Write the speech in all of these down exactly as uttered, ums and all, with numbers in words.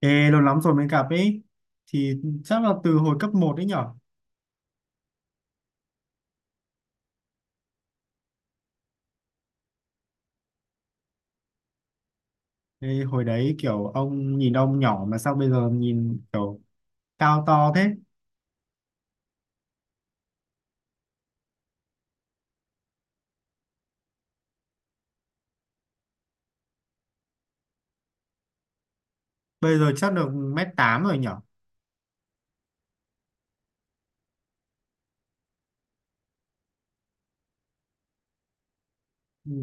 Ê, lâu lắm rồi mới gặp ấy thì chắc là từ hồi cấp một ấy nhở. Ê, hồi đấy kiểu ông nhìn ông nhỏ mà sao bây giờ nhìn kiểu cao to thế. Bây giờ chắc được mét tám rồi nhở.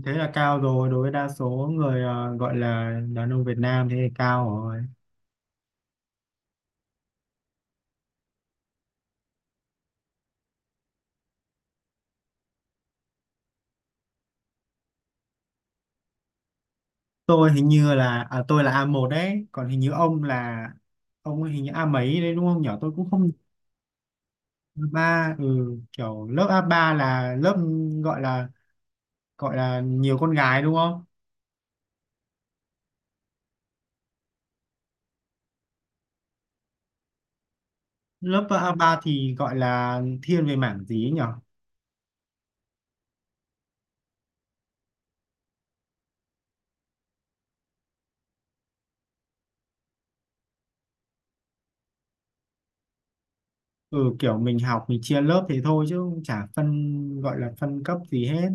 Thế là cao rồi đối với đa số người, ờ, gọi là đàn ông Việt Nam, thế thì cao rồi. Tôi hình như là à, tôi là a một đấy, còn hình như ông là ông hình như A mấy đấy, đúng không nhở? Tôi cũng không. Ba, ừ, kiểu lớp a ba là lớp gọi là gọi là nhiều con gái đúng không? Lớp ba ba thì gọi là thiên về mảng gì ấy nhỉ? Ừ, kiểu mình học mình chia lớp thế thôi chứ cũng chả phân gọi là phân cấp gì hết.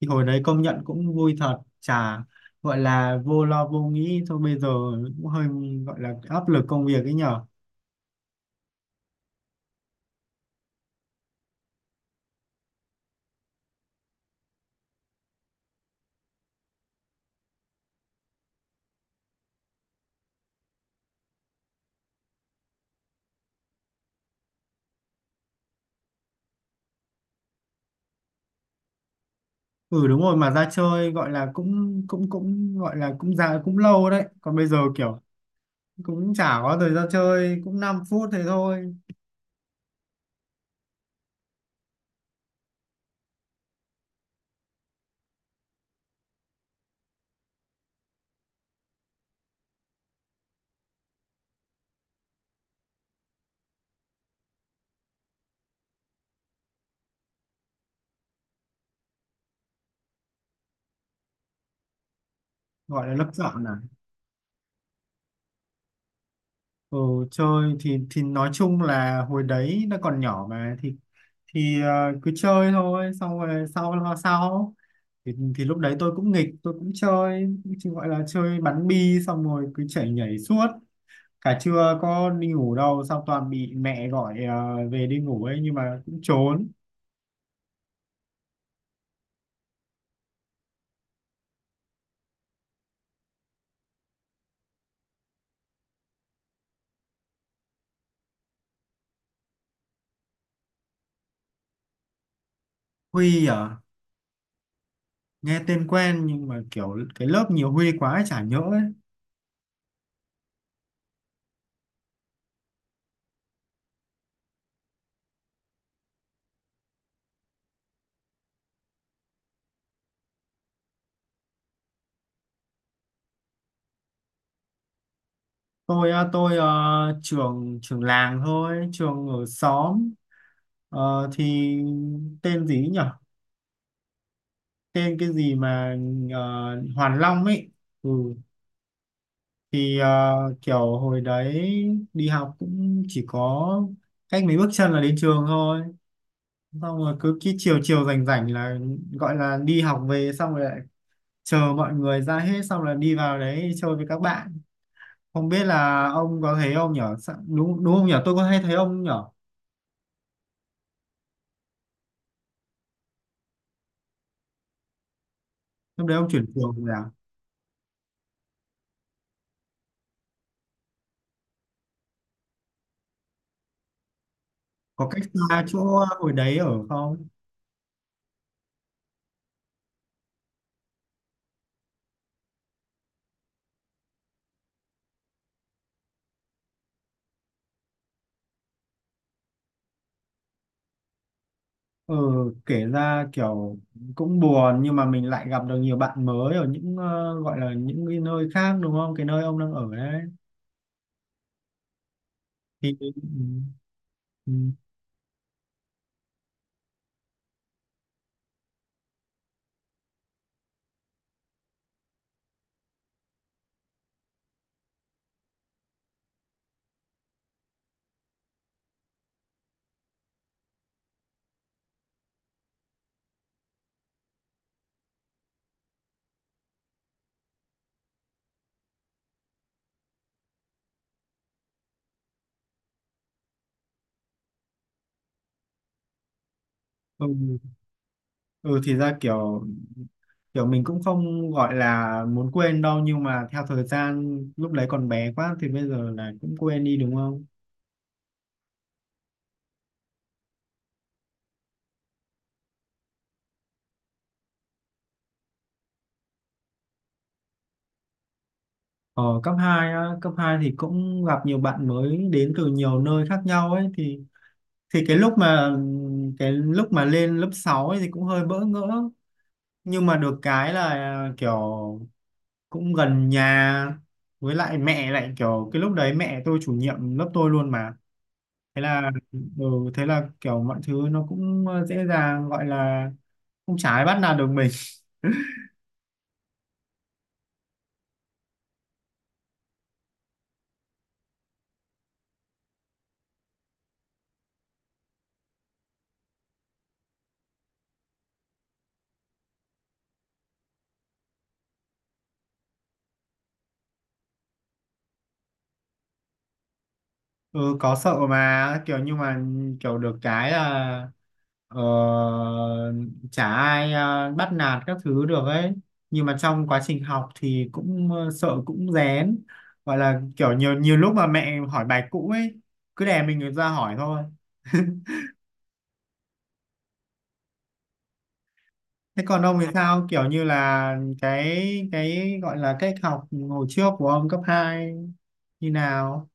Thì hồi đấy công nhận cũng vui thật, chả gọi là vô lo vô nghĩ thôi, bây giờ cũng hơi gọi là áp lực công việc ấy nhở. Ừ đúng rồi, mà ra chơi gọi là cũng cũng cũng gọi là cũng ra cũng lâu đấy, còn bây giờ kiểu cũng chả có thời gian chơi, cũng năm phút thế thôi. Gọi là lớp chọn à? Ừ, chơi thì thì nói chung là hồi đấy nó còn nhỏ mà thì thì ờ, cứ chơi thôi, xong rồi sau lo sau. Thì thì lúc đấy tôi cũng nghịch, tôi cũng chơi, chỉ gọi là chơi bắn bi xong rồi cứ chạy nhảy suốt cả trưa, có đi ngủ đâu, xong toàn bị mẹ gọi ờ, về đi ngủ ấy nhưng mà cũng trốn. Huy à? Nghe tên quen nhưng mà kiểu cái lớp nhiều Huy quá ấy, chả nhớ ấy. Tôi ờ, tôi ờ, trường trường làng thôi, trường ở xóm. Ờ, thì tên gì ấy nhỉ? Tên cái gì mà ờ, Hoàn Long ấy. Ừ. Thì, ờ, kiểu hồi đấy đi học cũng chỉ có cách mấy bước chân là đến trường thôi. Xong rồi cứ cái chiều chiều rảnh rảnh là gọi là đi học về xong rồi lại chờ mọi người ra hết xong là đi vào đấy chơi với các bạn. Không biết là ông có thấy ông nhỉ? Sao- Đúng đúng không nhỉ? Tôi có hay thấy ông nhỉ? Lúc đấy ông chuyển trường rồi à? Có cách xa chỗ hồi đấy ở không? Ừ, kể ra kiểu cũng buồn nhưng mà mình lại gặp được nhiều bạn mới ở những, ờ, gọi là những cái nơi khác đúng không? Cái nơi ông đang ở đấy thì ừ, ừ, ừ, ừ, thì ra kiểu kiểu mình cũng không gọi là muốn quên đâu nhưng mà theo thời gian lúc đấy còn bé quá thì bây giờ là cũng quên đi đúng không? Ở cấp hai á, cấp hai thì cũng gặp nhiều bạn mới đến từ nhiều nơi khác nhau ấy thì thì cái lúc mà cái lúc mà lên lớp sáu ấy thì cũng hơi bỡ ngỡ, nhưng mà được cái là kiểu cũng gần nhà, với lại mẹ lại kiểu cái lúc đấy mẹ tôi chủ nhiệm lớp tôi luôn mà. Thế là, ừ, thế là kiểu mọi thứ nó cũng ờ, dễ dàng, gọi là không trái bắt nạt được mình. Ừ có sợ mà kiểu nhưng mà kiểu được cái là ờ, chả ai ờ, bắt nạt các thứ được ấy, nhưng mà trong quá trình học thì cũng ờ, sợ cũng rén, gọi là kiểu nhiều nhiều lúc mà mẹ hỏi bài cũ ấy, cứ đè mình ra hỏi thôi. Thế còn ông thì sao, kiểu như là cái cái gọi là cách học hồi trước của ông cấp hai như nào?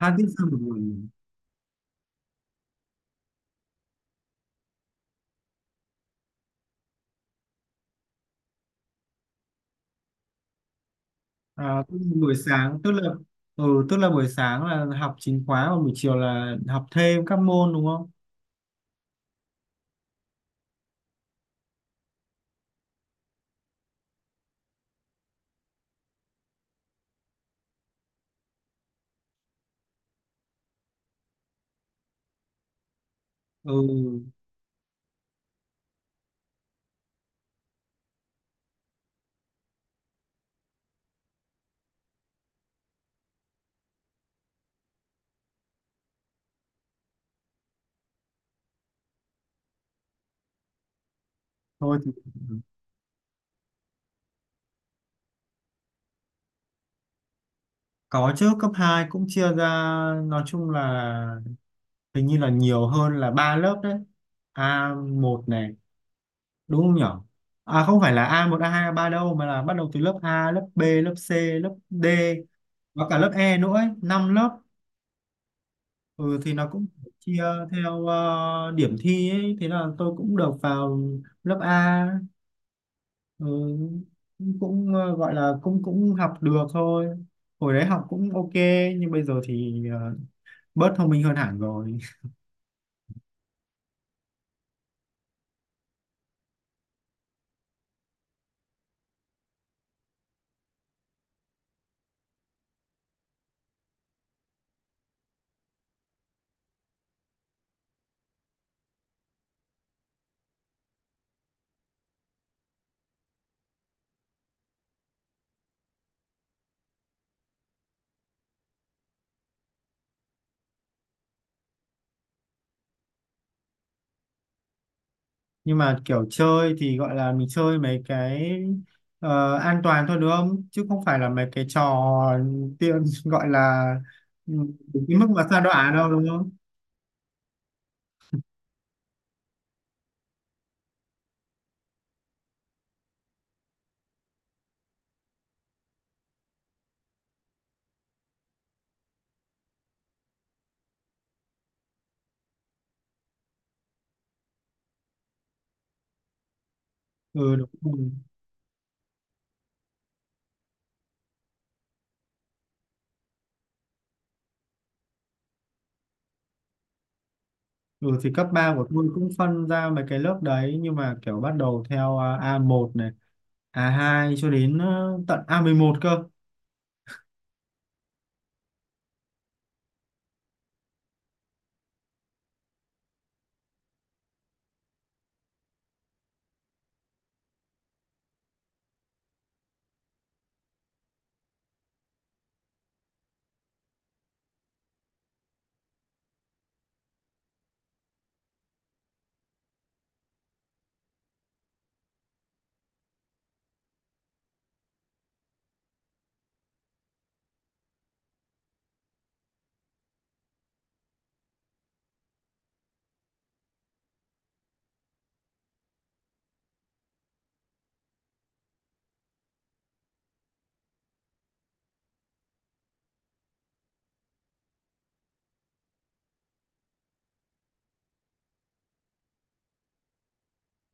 Hai tiết sau một buổi à, tức là buổi sáng tức là ừ tức là buổi sáng là học chính khóa và buổi chiều là học thêm các môn đúng không? Ừ, thôi thì có chứ, cấp hai cũng chia ra, nói chung là hình như là nhiều hơn là ba lớp đấy, a một này, đúng không nhở? À không phải là a một a hai a ba đâu, mà là bắt đầu từ lớp A, lớp B, lớp C, lớp D và cả lớp E nữa ấy, năm lớp. Ừ, thì nó cũng chia theo ờ, điểm thi ấy, thế là tôi cũng được vào lớp A. Ừ, cũng cũng, ờ, gọi là cũng cũng học được thôi, hồi đấy học cũng ok, nhưng bây giờ thì ờ, bớt thông minh hơn hẳn rồi. Nhưng mà kiểu chơi thì gọi là mình chơi mấy cái ờ, an toàn thôi đúng không, chứ không phải là mấy cái trò tiên gọi là, ừ, đến cái mức mà sa đọa đâu đúng không. Ừ đúng rồi. Ừ thì cấp ba của tôi cũng phân ra mấy cái lớp đấy, nhưng mà kiểu bắt đầu theo à, a một này, a hai cho đến ờ, tận a mười một cơ.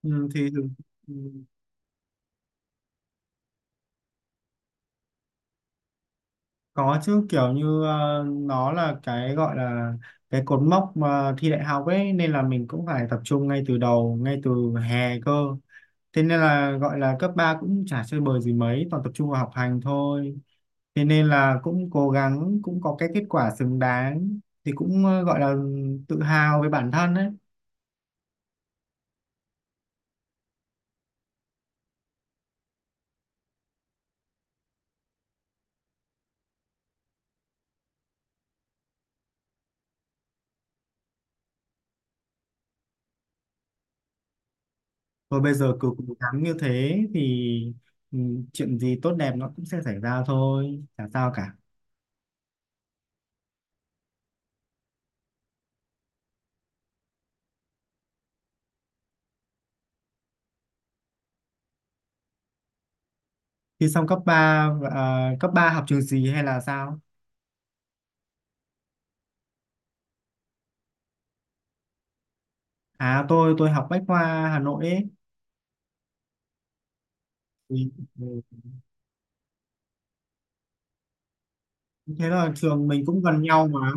Ừ, thì ừ, có chứ, kiểu như ờ, nó là cái gọi là cái cột mốc mà thi đại học ấy, nên là mình cũng phải tập trung ngay từ đầu, ngay từ hè cơ. Thế nên là gọi là cấp ba cũng chả chơi bời gì mấy, toàn tập trung vào học hành thôi. Thế nên là cũng cố gắng, cũng có cái kết quả xứng đáng, thì cũng ờ, gọi là tự hào với bản thân ấy. Rồi bây giờ cứ cố gắng như thế thì ừ, chuyện gì tốt đẹp nó cũng sẽ xảy ra thôi, chả sao cả. Thi xong cấp ba à, cấp ba học trường gì hay là sao? À tôi tôi học Bách Khoa Hà Nội ấy. Thì, ừ, thế là trường mình cũng gần nhau mà.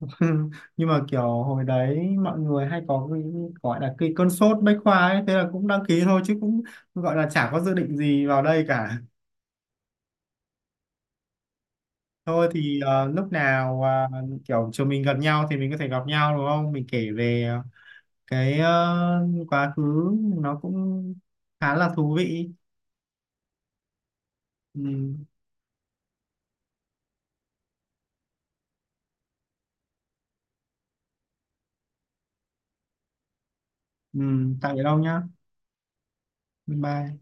Nhưng mà kiểu hồi đấy mọi người hay có cái gọi là cái cơn sốt Bách Khoa ấy, thế là cũng đăng ký thôi chứ cũng gọi là chả có dự định gì vào đây cả. Thôi thì ờ, lúc nào à, kiểu trường mình gần nhau thì mình có thể gặp nhau đúng không? Mình kể về cái ờ, quá khứ nó cũng khá là thú vị. Ừ. Ừ, tạm biệt ông nhá. Bye bye.